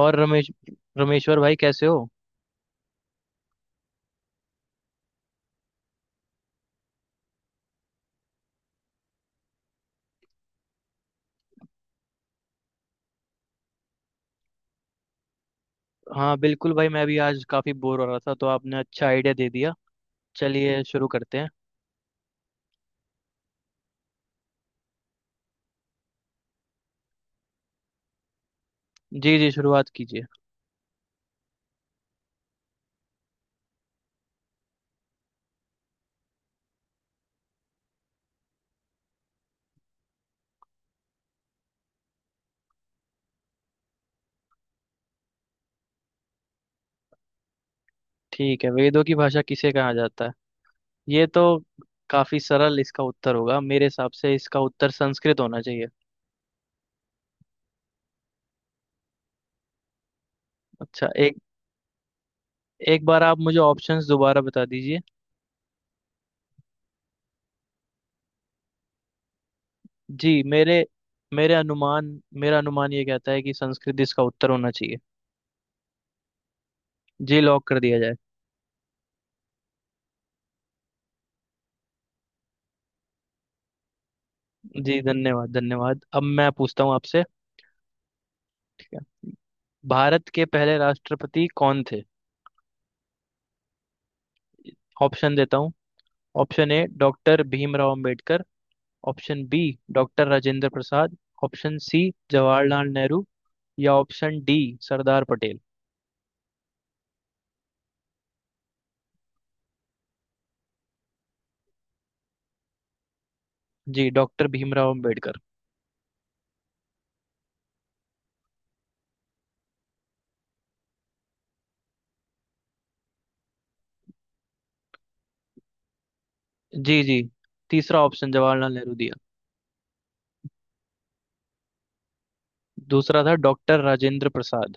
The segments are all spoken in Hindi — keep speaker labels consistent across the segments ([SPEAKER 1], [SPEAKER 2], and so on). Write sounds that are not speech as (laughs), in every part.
[SPEAKER 1] और रमेश्वर भाई, कैसे हो? हाँ, बिल्कुल भाई, मैं भी आज काफी बोर हो रहा था, तो आपने अच्छा आइडिया दे दिया। चलिए शुरू करते हैं। जी जी, शुरुआत कीजिए। ठीक है। वेदों की भाषा किसे कहा जाता है? ये तो काफी सरल। इसका उत्तर होगा, मेरे हिसाब से इसका उत्तर संस्कृत होना चाहिए। अच्छा, एक एक बार आप मुझे ऑप्शंस दोबारा बता दीजिए। जी, मेरे मेरे अनुमान मेरा अनुमान ये कहता है कि संस्कृत इसका उत्तर होना चाहिए। जी, लॉक कर दिया जाए। जी, धन्यवाद धन्यवाद। अब मैं पूछता हूँ आपसे, ठीक है? भारत के पहले राष्ट्रपति कौन थे? ऑप्शन देता हूँ। Option A, doctor Bhimrao Ambedkar. Option B, doctor Rajendra Prasad. Option C, Jawaharlal Nehru. या option D, Sardar Patel. Ji, doctor Bhimrao Ambedkar. Ji जी, तीसरा ऑप्शन जवाहरलाल नेहरू दिया। दूसरा था डॉक्टर राजेंद्र प्रसाद।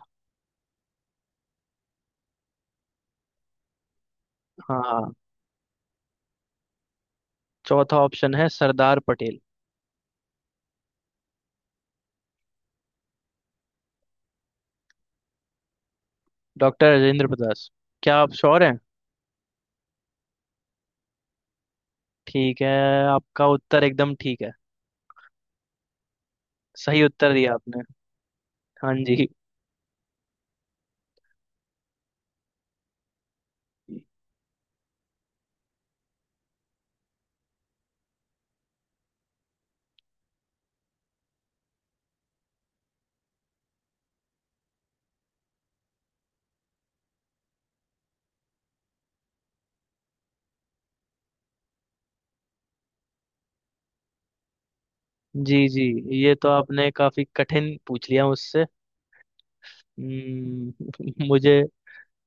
[SPEAKER 1] हाँ हाँ। चौथा ऑप्शन है सरदार पटेल। डॉक्टर राजेंद्र प्रसाद। क्या आप श्योर हैं? ठीक है, आपका उत्तर एकदम ठीक है। सही उत्तर दिया आपने। हाँ जी। जी जी, ये तो आपने काफी कठिन पूछ लिया मुझसे। हम्म, (laughs) मुझे,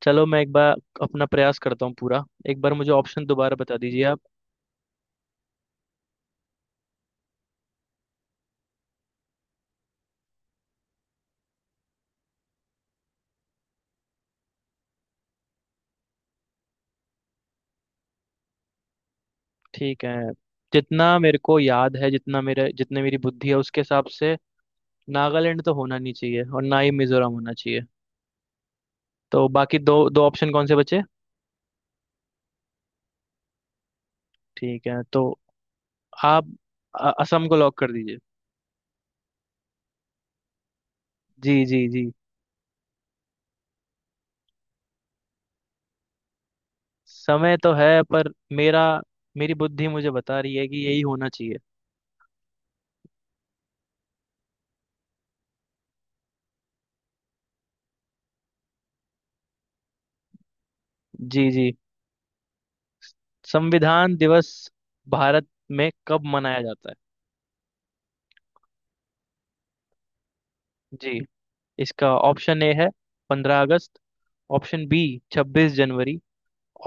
[SPEAKER 1] चलो मैं एक बार अपना प्रयास करता हूँ पूरा। एक बार मुझे ऑप्शन दोबारा बता दीजिए आप। ठीक है। जितना मेरे को याद है जितना मेरे जितने मेरी बुद्धि है, उसके हिसाब से नागालैंड तो होना नहीं चाहिए और ना ही मिजोरम होना चाहिए। तो बाकी दो दो ऑप्शन कौन से बचे? ठीक है, तो आप असम को लॉक कर दीजिए। जी जी जी। समय तो है, पर मेरा मेरी बुद्धि मुझे बता रही है कि यही होना चाहिए। जी जी। संविधान दिवस भारत में कब मनाया जाता है? जी, इसका ऑप्शन ए है 15 अगस्त। ऑप्शन बी, 26 जनवरी।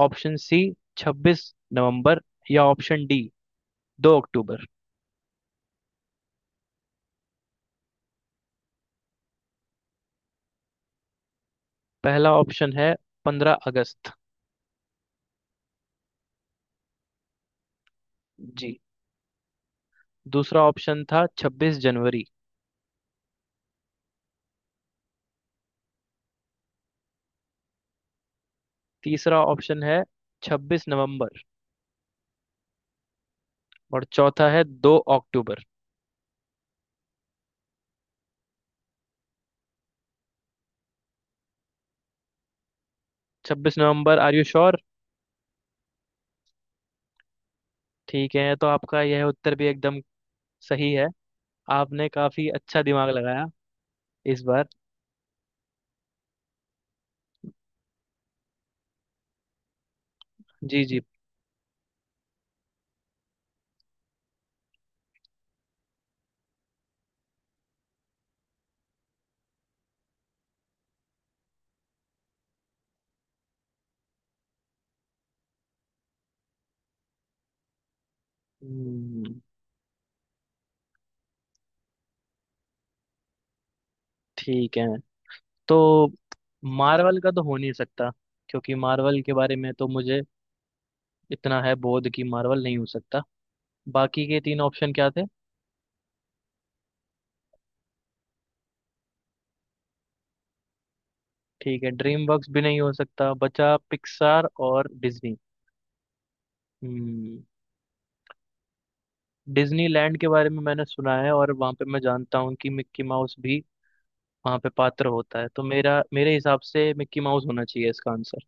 [SPEAKER 1] ऑप्शन सी, 26 नवंबर। या ऑप्शन डी, 2 अक्टूबर। पहला ऑप्शन है 15 अगस्त। जी, दूसरा ऑप्शन था 26 जनवरी। तीसरा ऑप्शन है 26 नवंबर। और चौथा है 2 अक्टूबर। 26 नवंबर, आर यू श्योर? ठीक है, तो आपका यह उत्तर भी एकदम सही है। आपने काफी अच्छा दिमाग लगाया इस बार। जी जी। हम्म, ठीक है। तो मार्वल का तो हो नहीं सकता, क्योंकि मार्वल के बारे में तो मुझे इतना है बोध कि मार्वल नहीं हो सकता। बाकी के तीन ऑप्शन क्या थे? ठीक है, ड्रीम वर्क्स भी नहीं हो सकता। बचा पिक्सार और डिज्नी। हम्म डिज्नी लैंड के बारे में मैंने सुना है, और वहाँ पे मैं जानता हूँ कि मिक्की माउस भी वहाँ पे पात्र होता है। तो मेरा मेरे हिसाब से मिक्की माउस होना चाहिए इसका आंसर।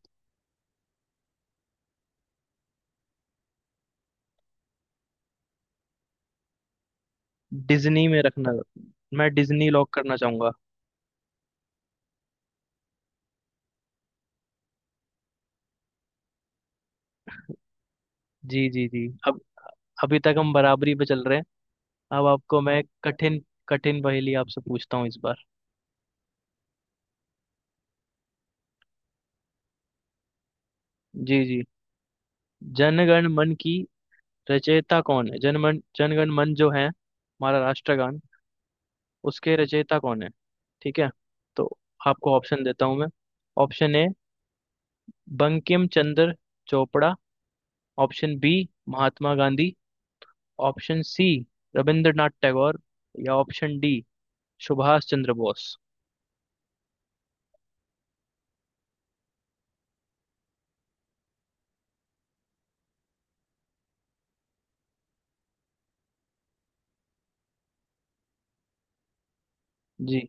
[SPEAKER 1] डिज्नी में रखना। मैं डिज्नी लॉक करना चाहूंगा। जी जी जी। अभी तक हम बराबरी पे चल रहे हैं। अब आपको मैं कठिन, कठिन पहेली आपसे पूछता हूँ इस बार। जी जी। जनगण मन की रचयिता कौन है? जनमन जनगण मन जो है हमारा राष्ट्रगान, उसके रचयिता कौन है? ठीक है, तो आपको ऑप्शन देता हूँ मैं। Option A, Bankim Chandra Chopra. Option B, Mahatma Gandhi. Option C, Rabindranath Tagore. या ऑप्शन डी, सुभाष चंद्र बोस। जी,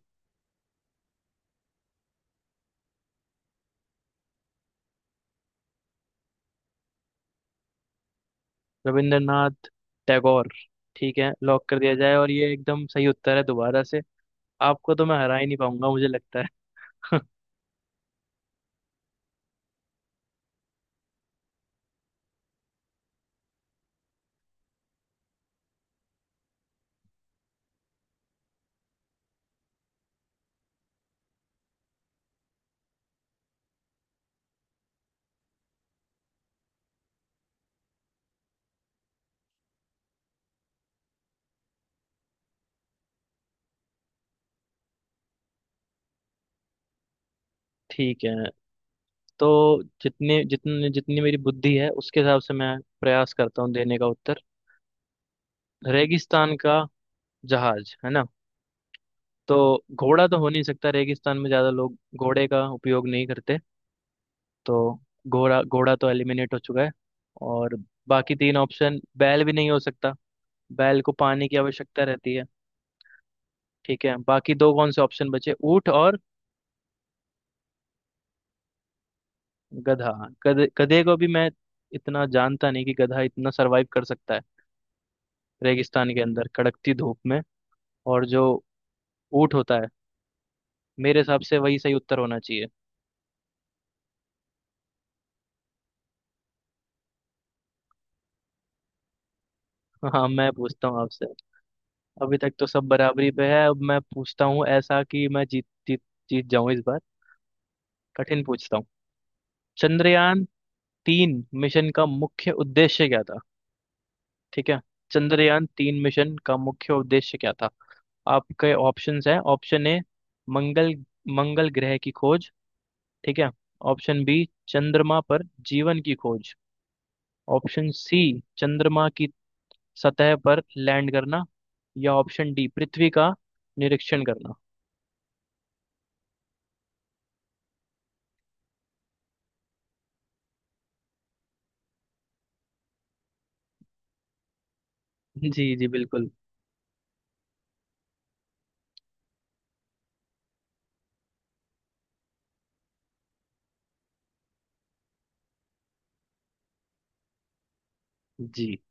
[SPEAKER 1] रविंद्रनाथ टैगोर। ठीक है, लॉक कर दिया जाए। और ये एकदम सही उत्तर है दोबारा से। आपको तो मैं हरा ही नहीं पाऊंगा, मुझे लगता है। (laughs) ठीक है, तो जितने जितने जितनी मेरी बुद्धि है उसके हिसाब से मैं प्रयास करता हूँ देने का उत्तर। रेगिस्तान का जहाज है ना। तो घोड़ा तो हो नहीं सकता, रेगिस्तान में ज्यादा लोग घोड़े का उपयोग नहीं करते। तो घोड़ा घोड़ा तो एलिमिनेट हो चुका है। और बाकी तीन ऑप्शन, बैल भी नहीं हो सकता। बैल को पानी की आवश्यकता रहती है। ठीक है, बाकी दो कौन से ऑप्शन बचे? ऊंट और गधा। गधे गधे को भी मैं इतना जानता नहीं कि गधा इतना सरवाइव कर सकता है रेगिस्तान के अंदर कड़कती धूप में। और जो ऊंट होता है, मेरे हिसाब से वही सही उत्तर होना चाहिए। (laughs) हाँ, मैं पूछता हूँ आपसे। अभी तक तो सब बराबरी पे है। अब मैं पूछता हूँ ऐसा कि मैं जीत जीत जीत जाऊं इस बार। कठिन पूछता हूँ। चंद्रयान 3 मिशन का मुख्य उद्देश्य क्या था? ठीक है। चंद्रयान 3 मिशन का मुख्य उद्देश्य क्या था? आपके ऑप्शंस हैं। ऑप्शन ए, मंगल मंगल ग्रह की खोज, ठीक है? ऑप्शन बी, चंद्रमा पर जीवन की खोज। ऑप्शन सी, चंद्रमा की सतह पर लैंड करना। या ऑप्शन डी, पृथ्वी का निरीक्षण करना। जी जी, बिल्कुल। जी,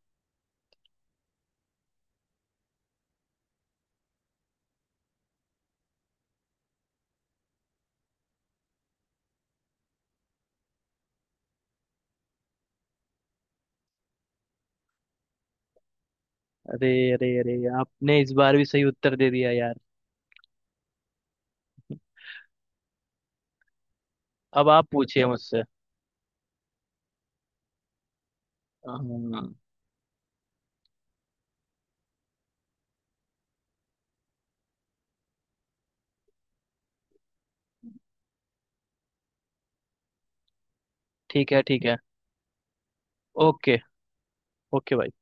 [SPEAKER 1] अरे अरे अरे, आपने इस बार भी सही उत्तर दे दिया यार। अब आप पूछिए मुझसे। हाँ। ठीक है ठीक है। ओके, ओके भाई।